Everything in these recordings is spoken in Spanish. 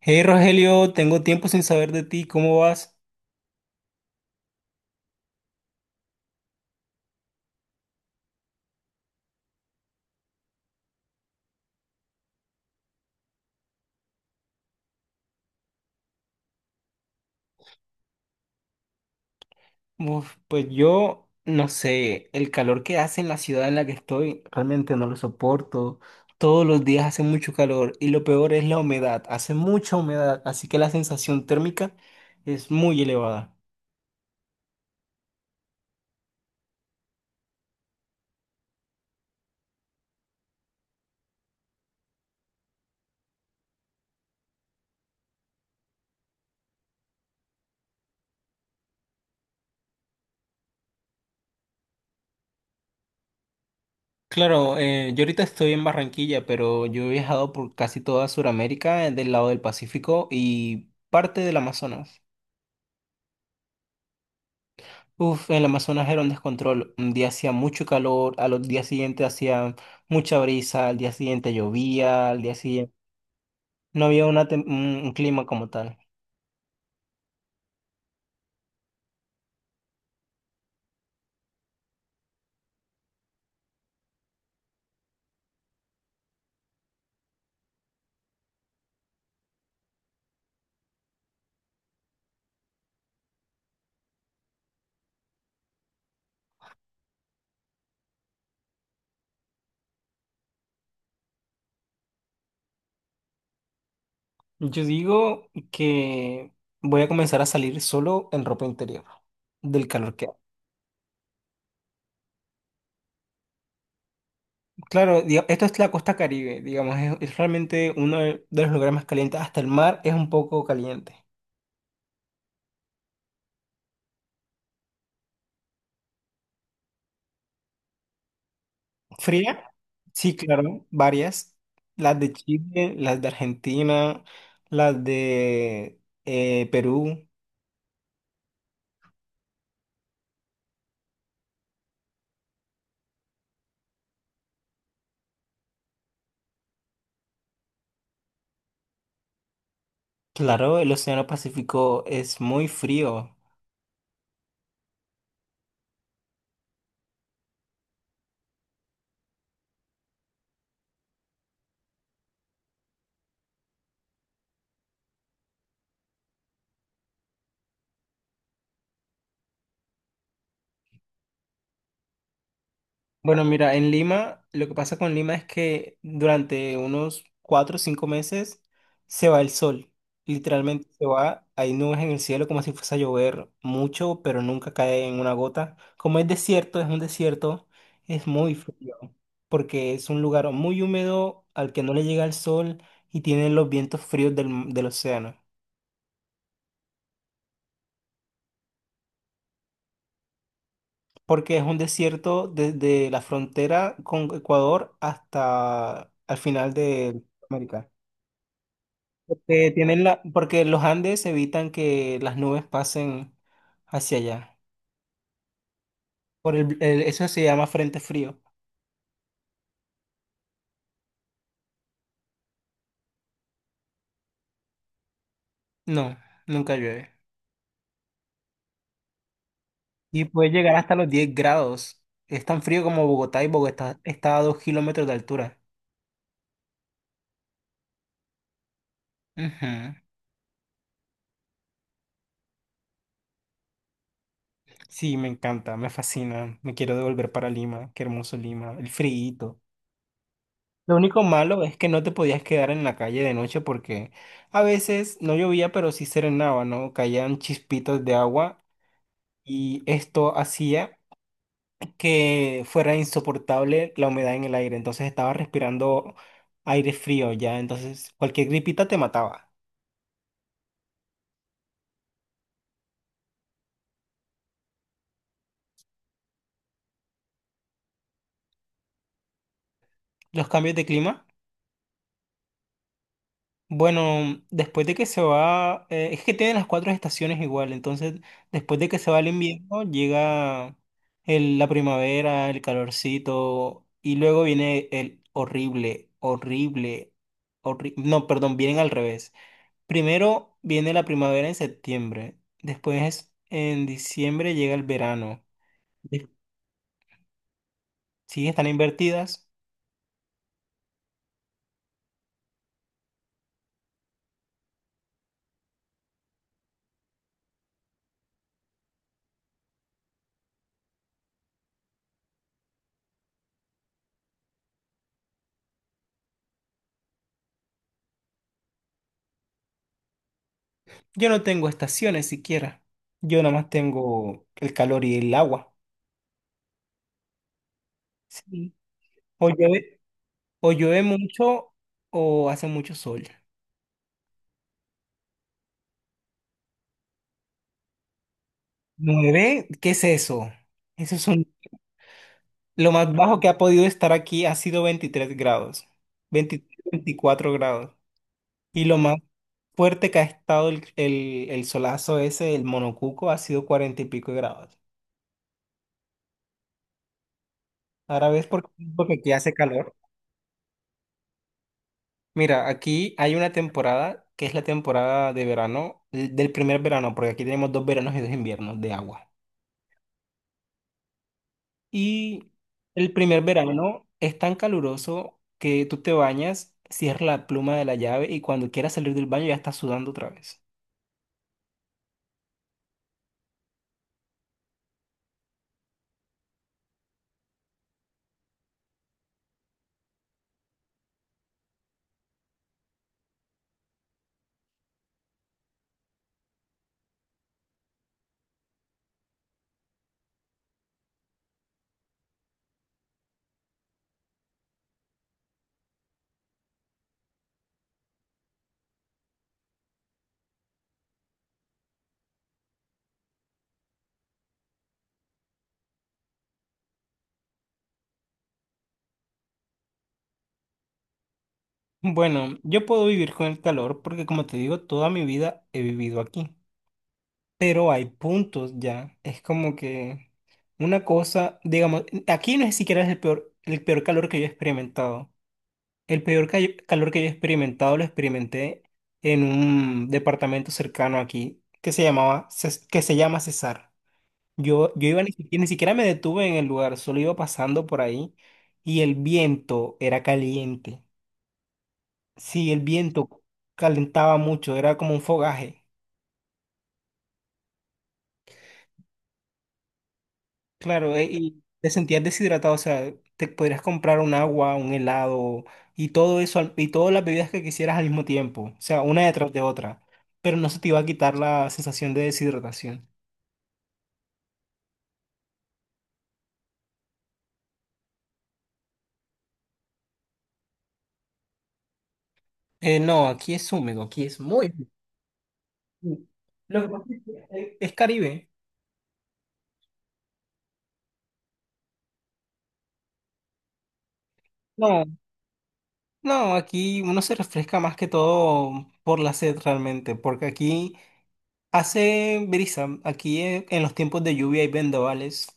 Hey Rogelio, tengo tiempo sin saber de ti, ¿cómo vas? Uf, pues yo no sé, el calor que hace en la ciudad en la que estoy realmente no lo soporto. Todos los días hace mucho calor y lo peor es la humedad, hace mucha humedad, así que la sensación térmica es muy elevada. Claro, yo ahorita estoy en Barranquilla, pero yo he viajado por casi toda Sudamérica, del lado del Pacífico y parte del Amazonas. Uf, el Amazonas era un descontrol. Un día hacía mucho calor, a los días siguientes hacía mucha brisa, al día siguiente llovía, al día siguiente no había una tem- un clima como tal. Yo digo que voy a comenzar a salir solo en ropa interior del calor que hace. Claro, esto es la costa Caribe, digamos, es realmente uno de los lugares más calientes. Hasta el mar es un poco caliente. Fría, sí, claro, varias. Las de Chile, las de Argentina, las de Perú. Claro, el Océano Pacífico es muy frío. Bueno, mira, en Lima, lo que pasa con Lima es que durante unos 4 o 5 meses se va el sol. Literalmente se va, hay nubes en el cielo como si fuese a llover mucho, pero nunca cae en una gota. Como es desierto, es un desierto, es muy frío, porque es un lugar muy húmedo al que no le llega el sol y tiene los vientos fríos del océano. Porque es un desierto desde la frontera con Ecuador hasta al final de América. Porque porque los Andes evitan que las nubes pasen hacia allá. Eso se llama frente frío. No, nunca llueve. Y puede llegar hasta los 10 grados. Es tan frío como Bogotá y Bogotá está a 2 kilómetros de altura. Ujú. Sí, me encanta, me fascina. Me quiero devolver para Lima. Qué hermoso Lima. El friíto. Lo único malo es que no te podías quedar en la calle de noche porque a veces no llovía, pero sí serenaba, ¿no? Caían chispitos de agua y esto hacía que fuera insoportable la humedad en el aire. Entonces estaba respirando aire frío ya. Entonces cualquier gripita te mataba. Los cambios de clima. Bueno, después de que se va, es que tienen las cuatro estaciones igual. Entonces, después de que se va el invierno, llega la primavera, el calorcito, y luego viene el horrible, horrible, horrible. No, perdón, vienen al revés. Primero viene la primavera en septiembre, después en diciembre llega el verano. De- Sí, están invertidas. Yo no tengo estaciones siquiera. Yo nada más tengo el calor y el agua. Sí. O llueve, o llueve mucho o hace mucho sol. ¿Nueve? ¿Qué es eso? Eso es lo más bajo que ha podido estar aquí ha sido 23 grados. 23, 24 grados. Y lo más fuerte que ha estado el solazo ese, el monocuco, ha sido cuarenta y pico de grados. Ahora ves por qué porque aquí hace calor. Mira, aquí hay una temporada que es la temporada de verano, del primer verano, porque aquí tenemos dos veranos y dos inviernos de agua. Y el primer verano es tan caluroso que tú te bañas, cierras la pluma de la llave y cuando quieras salir del baño ya estás sudando otra vez. Bueno, yo puedo vivir con el calor porque como te digo, toda mi vida he vivido aquí, pero hay puntos ya. Es como que una cosa, digamos, aquí no es siquiera es el peor calor que yo he experimentado. El peor calor que yo he experimentado lo experimenté en un departamento cercano aquí que se que se llama Cesar. Yo iba ni siquiera, ni siquiera me detuve en el lugar, solo iba pasando por ahí y el viento era caliente. Sí, el viento calentaba mucho, era como un fogaje. Claro, y te sentías deshidratado, o sea, te podrías comprar un agua, un helado y todo eso, y todas las bebidas que quisieras al mismo tiempo, o sea, una detrás de otra, pero no se te iba a quitar la sensación de deshidratación. No, aquí es húmedo, aquí es muy húmedo. Lo que pasa es que, es Caribe. No, no, aquí uno se refresca más que todo por la sed realmente, porque aquí hace brisa, aquí en los tiempos de lluvia hay vendavales.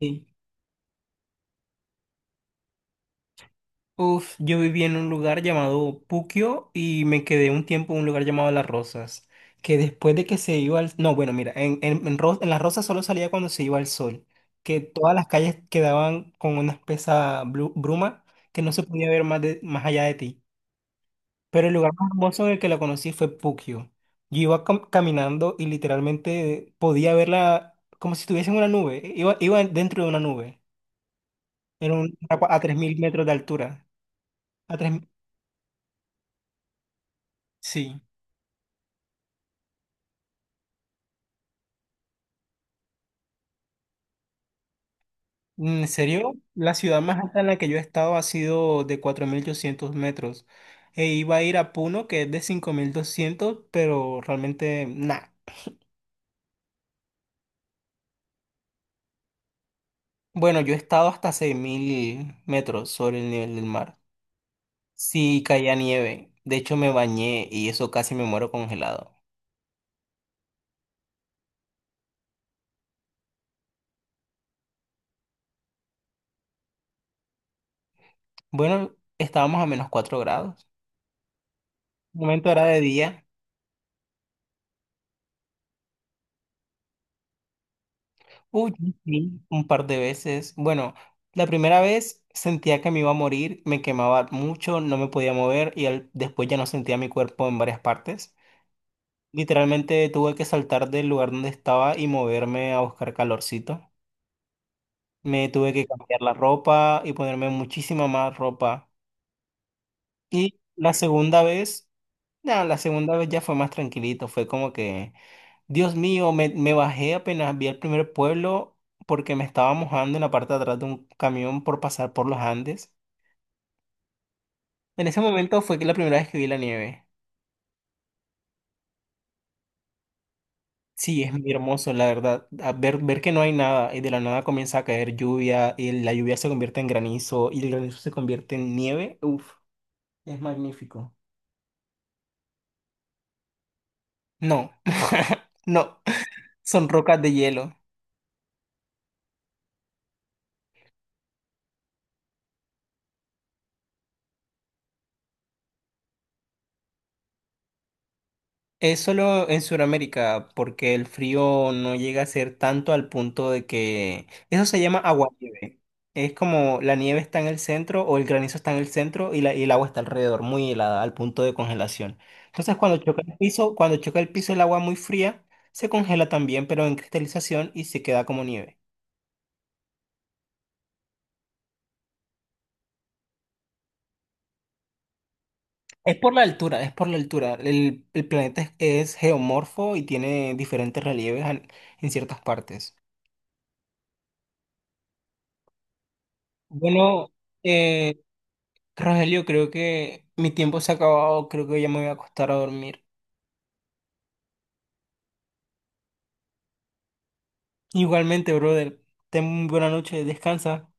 Sí, uf, yo viví en un lugar llamado Puquio y me quedé un tiempo en un lugar llamado Las Rosas, que después de que se iba No, bueno, mira, en Las Rosas solo salía cuando se iba el sol, que todas las calles quedaban con una espesa bruma que no se podía ver más, más allá de ti. Pero el lugar más hermoso en el que la conocí fue Puquio. Yo iba caminando y literalmente podía verla como si estuviese en una nube, iba dentro de una nube, era a 3.000 metros de altura. A tres. Sí. Mm, ¿en serio? La ciudad más alta en la que yo he estado ha sido de 4.800 metros. E iba a ir a Puno, que es de 5.200, pero realmente nada. Bueno, yo he estado hasta 6.000 metros sobre el nivel del mar. Sí, caía nieve. De hecho, me bañé y eso casi me muero congelado. Bueno, estábamos a -4 grados. Un momento era de día. Uy, sí, sí, un par de veces. Bueno, la primera vez sentía que me iba a morir, me quemaba mucho, no me podía mover y después ya no sentía mi cuerpo en varias partes. Literalmente tuve que saltar del lugar donde estaba y moverme a buscar calorcito. Me tuve que cambiar la ropa y ponerme muchísima más ropa. Y la segunda vez. No, la segunda vez ya fue más tranquilito, fue como que, Dios mío, me bajé apenas vi el primer pueblo porque me estaba mojando en la parte de atrás de un camión por pasar por los Andes. En ese momento fue que la primera vez que vi la nieve. Sí, es muy hermoso, la verdad. A ver, ver que no hay nada y de la nada comienza a caer lluvia y la lluvia se convierte en granizo y el granizo se convierte en nieve. Uf, es magnífico. No, no, son rocas de hielo. Es solo en Sudamérica, porque el frío no llega a ser tanto al punto de que. Eso se llama aguanieve. Es como la nieve está en el centro o el granizo está en el centro y el agua está alrededor, muy helada, al punto de congelación. Entonces, cuando choca el piso, cuando choca el piso el agua muy fría, se congela también, pero en cristalización y se queda como nieve. Es por la altura, es por la altura. El planeta es geomorfo y tiene diferentes relieves en ciertas partes. Bueno, eh, Rogelio, creo que mi tiempo se ha acabado, creo que ya me voy a acostar a dormir. Igualmente, brother, ten muy buena noche, descansa.